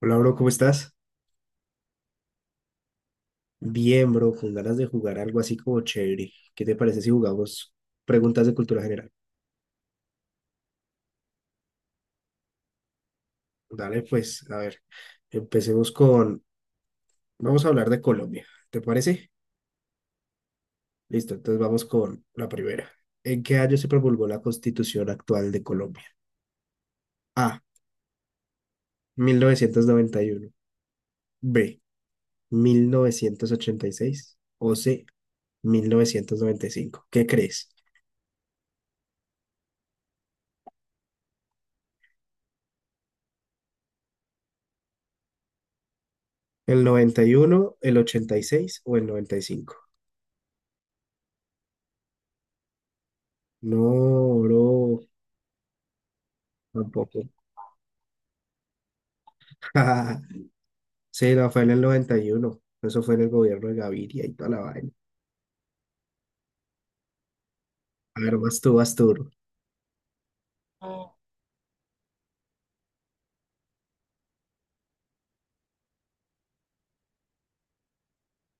Hola, bro, ¿cómo estás? Bien, bro, con ganas de jugar algo así como chévere. ¿Qué te parece si jugamos preguntas de cultura general? Dale, pues, a ver, empecemos con... Vamos a hablar de Colombia, ¿te parece? Listo, entonces vamos con la primera. ¿En qué año se promulgó la constitución actual de Colombia? A, 1991. B, 1986. O C, 1995. ¿Qué crees? ¿El 91, el 86 o el 95? No, bro, tampoco. Sí, no, fue en el 91. Eso fue en el gobierno de Gaviria y toda la vaina. A ver, vas tú, bro.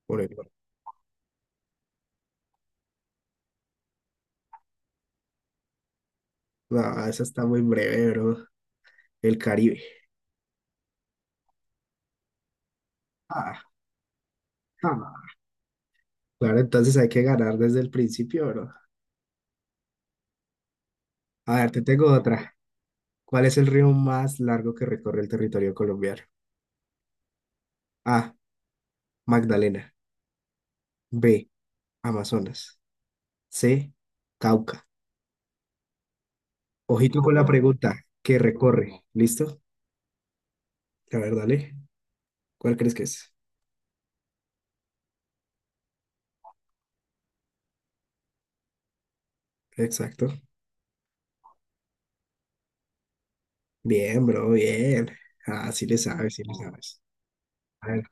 Por el... No, esa está muy breve, bro. El Caribe. Ah, ah. Claro, entonces hay que ganar desde el principio, bro. A ver, te tengo otra. ¿Cuál es el río más largo que recorre el territorio colombiano? A. Magdalena. B. Amazonas. C. Cauca. Ojito con la pregunta. ¿Qué recorre? ¿Listo? A ver, dale. ¿Cuál crees que es? Exacto. Bien, bro, bien. Ah, sí le sabes, sí le, oh, sabes. A ver.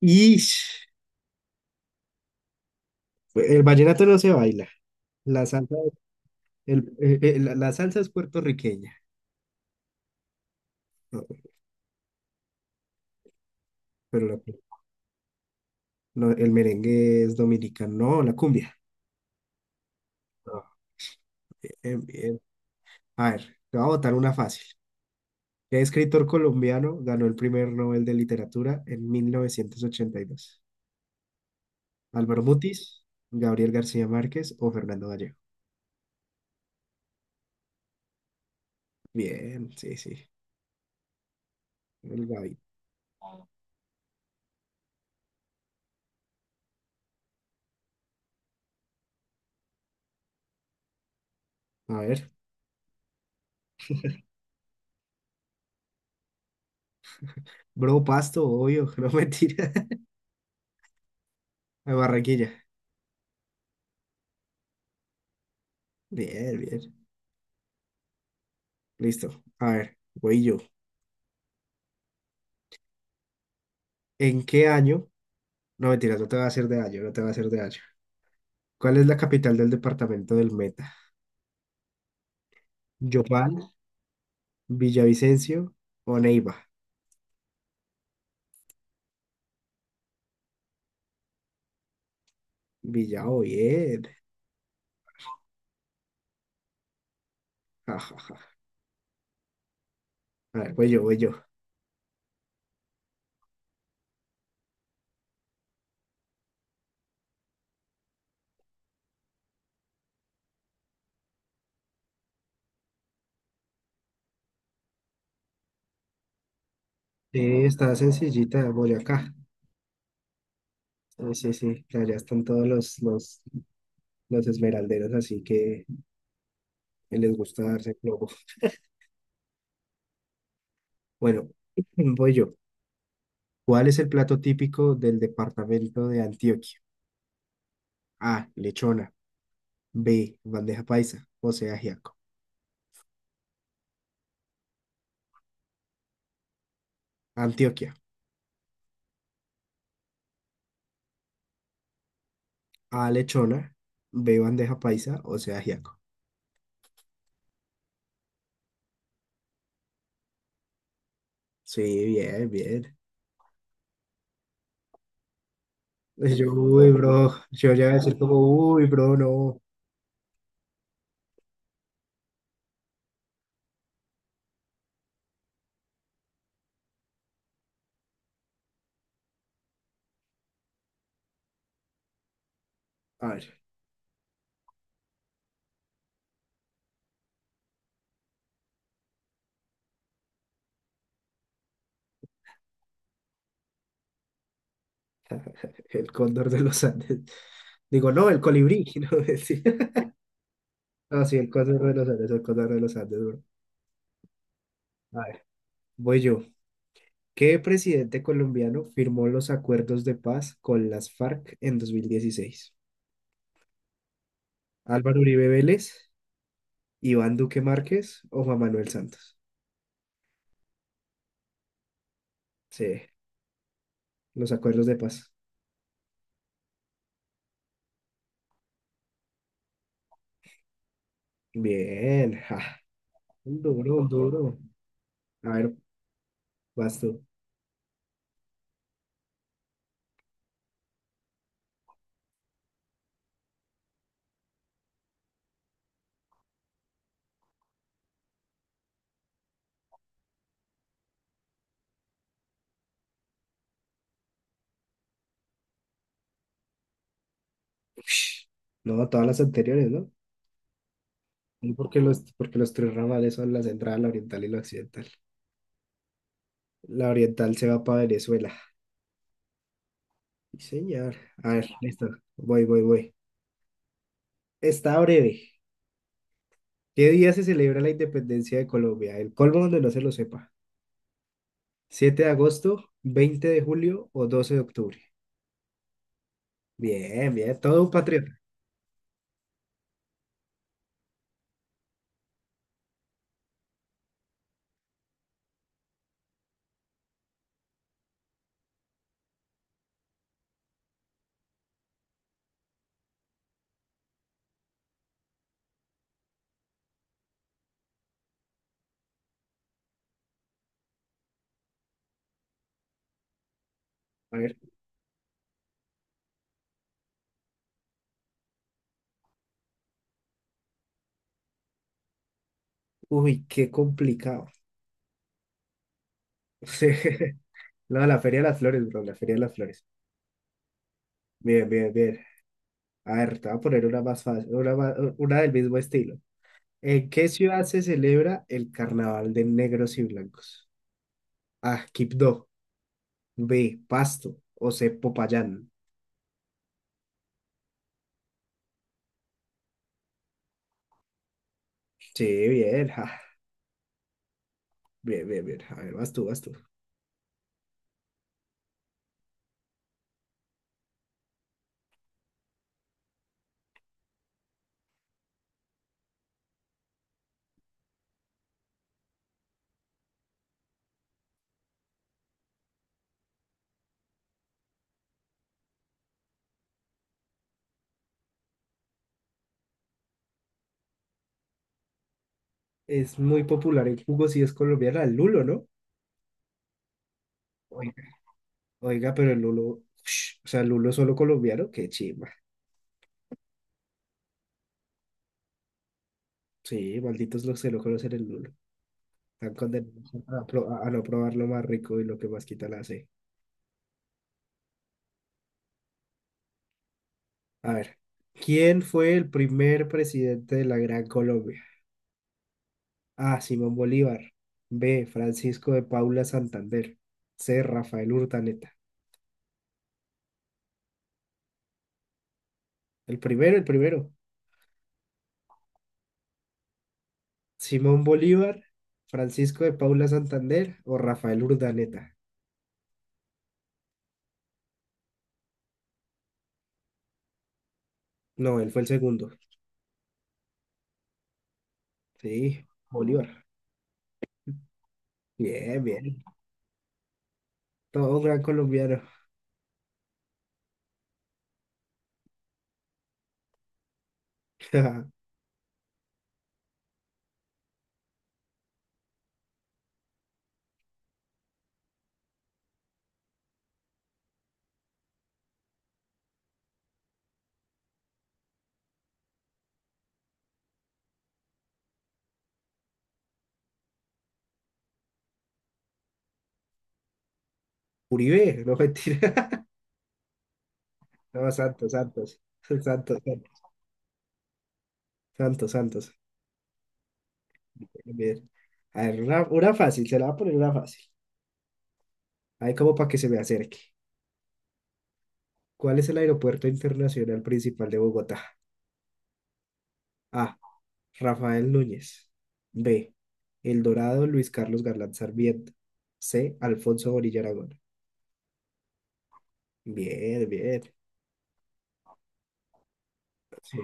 Y el vallenato no se baila. La salsa, el, la salsa es puertorriqueña, no, pero la... no, el merengue es dominicano, no, la cumbia. No, bien, bien. A ver, te voy a botar una fácil. ¿Qué escritor colombiano ganó el primer Nobel de Literatura en 1982? ¿Álvaro Mutis, Gabriel García Márquez o Fernando Vallejo? Bien, sí, sí. El Gaby. A ver. Bro, Pasto, obvio, no mentira. De Barranquilla. Bien, bien. Listo. A ver, voy yo. ¿En qué año? No mentiras, no te va a hacer de año, no te va a hacer de año. ¿Cuál es la capital del departamento del Meta? ¿Yopal, Villavicencio o Neiva? Villao, bien. Ja, ja, ja. A ver, voy yo, voy yo. Sí, está sencillita, Boyacá. Sí, sí, sí. Allá están todos los esmeralderos, así que les gusta darse globo. Bueno, voy yo. ¿Cuál es el plato típico del departamento de Antioquia? A. Lechona. B. Bandeja paisa. O sea, ajiaco. Antioquia. A. Lechona. B. Bandeja paisa. O sea, ajiaco. Sí, bien, bien. Yo, uy, bro. Yo ya voy a decir como, uy, bro, no. A ver, el cóndor de los Andes. Digo, no, el colibrí. No, sí, no, sí, el cóndor de los Andes, el cóndor de los Andes, bro. A ver, voy yo. ¿Qué presidente colombiano firmó los acuerdos de paz con las FARC en 2016? Álvaro Uribe Vélez, Iván Duque Márquez o Juan Manuel Santos. Sí, los acuerdos de paz. Bien, ja, un duro, un duro. A ver, vas tú. Ush, no, todas las anteriores, ¿no? No, Porque los tres ramales son la central, la oriental y la occidental. La oriental se va para Venezuela. Sí, señor. A ver, listo. Voy, voy, voy. Está breve. ¿Qué día se celebra la independencia de Colombia? El colmo donde no se lo sepa. ¿7 de agosto, 20 de julio o 12 de octubre? Bien, bien, todo un patriota. A ver, uy, qué complicado. Sí. No, la Feria de las Flores, bro, la Feria de las Flores. Bien, bien, bien. A ver, te voy a poner una más fácil, una, una del mismo estilo. ¿En qué ciudad se celebra el Carnaval de Negros y Blancos? A, Quibdó, B, Pasto o C, Popayán. Sí, bien, ja. Bien, bien, bien. A ver, vas tú, vas tú. Es muy popular en jugos y es colombiana, el lulo, ¿no? Oiga, oiga, pero el lulo, ush, o sea, el lulo solo colombiano, qué chimba. Sí, malditos los que no conocen el lulo. Están condenados a, a no probar lo más rico y lo que más quita la C. A ver, ¿quién fue el primer presidente de la Gran Colombia? A. Simón Bolívar. B. Francisco de Paula Santander. C. Rafael Urdaneta. El primero, el primero. Simón Bolívar, Francisco de Paula Santander o Rafael Urdaneta. No, él fue el segundo. Sí, Bolívar. Bien, bien. Todo un gran colombiano. Uribe, no mentira. No, Santos, Santos. Santos, Santos, Santos. Bien, bien. A ver, una fácil, se la va a poner una fácil. Ahí como para que se me acerque. ¿Cuál es el aeropuerto internacional principal de Bogotá? A. Rafael Núñez. B. El Dorado Luis Carlos Galán Sarmiento. C. Alfonso Bonilla Aragón. Bien, bien. Sí.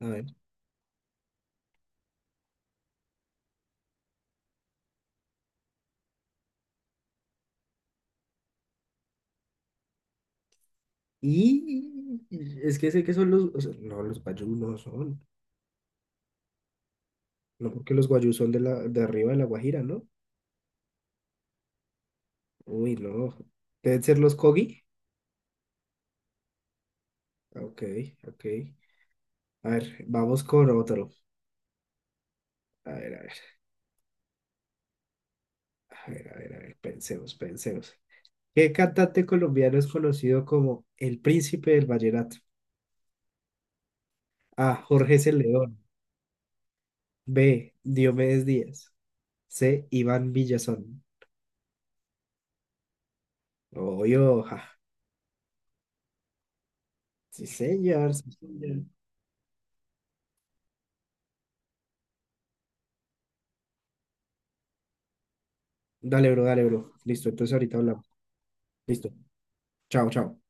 A ver. Y es que sé que son los, o sea, no, los guayú no son, no porque los guayú son de la, de arriba de la Guajira, ¿no? Uy, no, deben ser los Kogi. Ok, ok. A ver, vamos con otro. A ver, a ver, a ver, a ver, a ver, pensemos, pensemos. ¿Qué cantante colombiano es conocido como el príncipe del vallenato? A, Jorge Celedón. B, Diomedes Díaz. C, Iván Villazón. Oyo, ja. Sí, señor, sí, señor. Dale, bro, dale, bro. Listo, entonces ahorita hablamos. Listo. Chao, chao.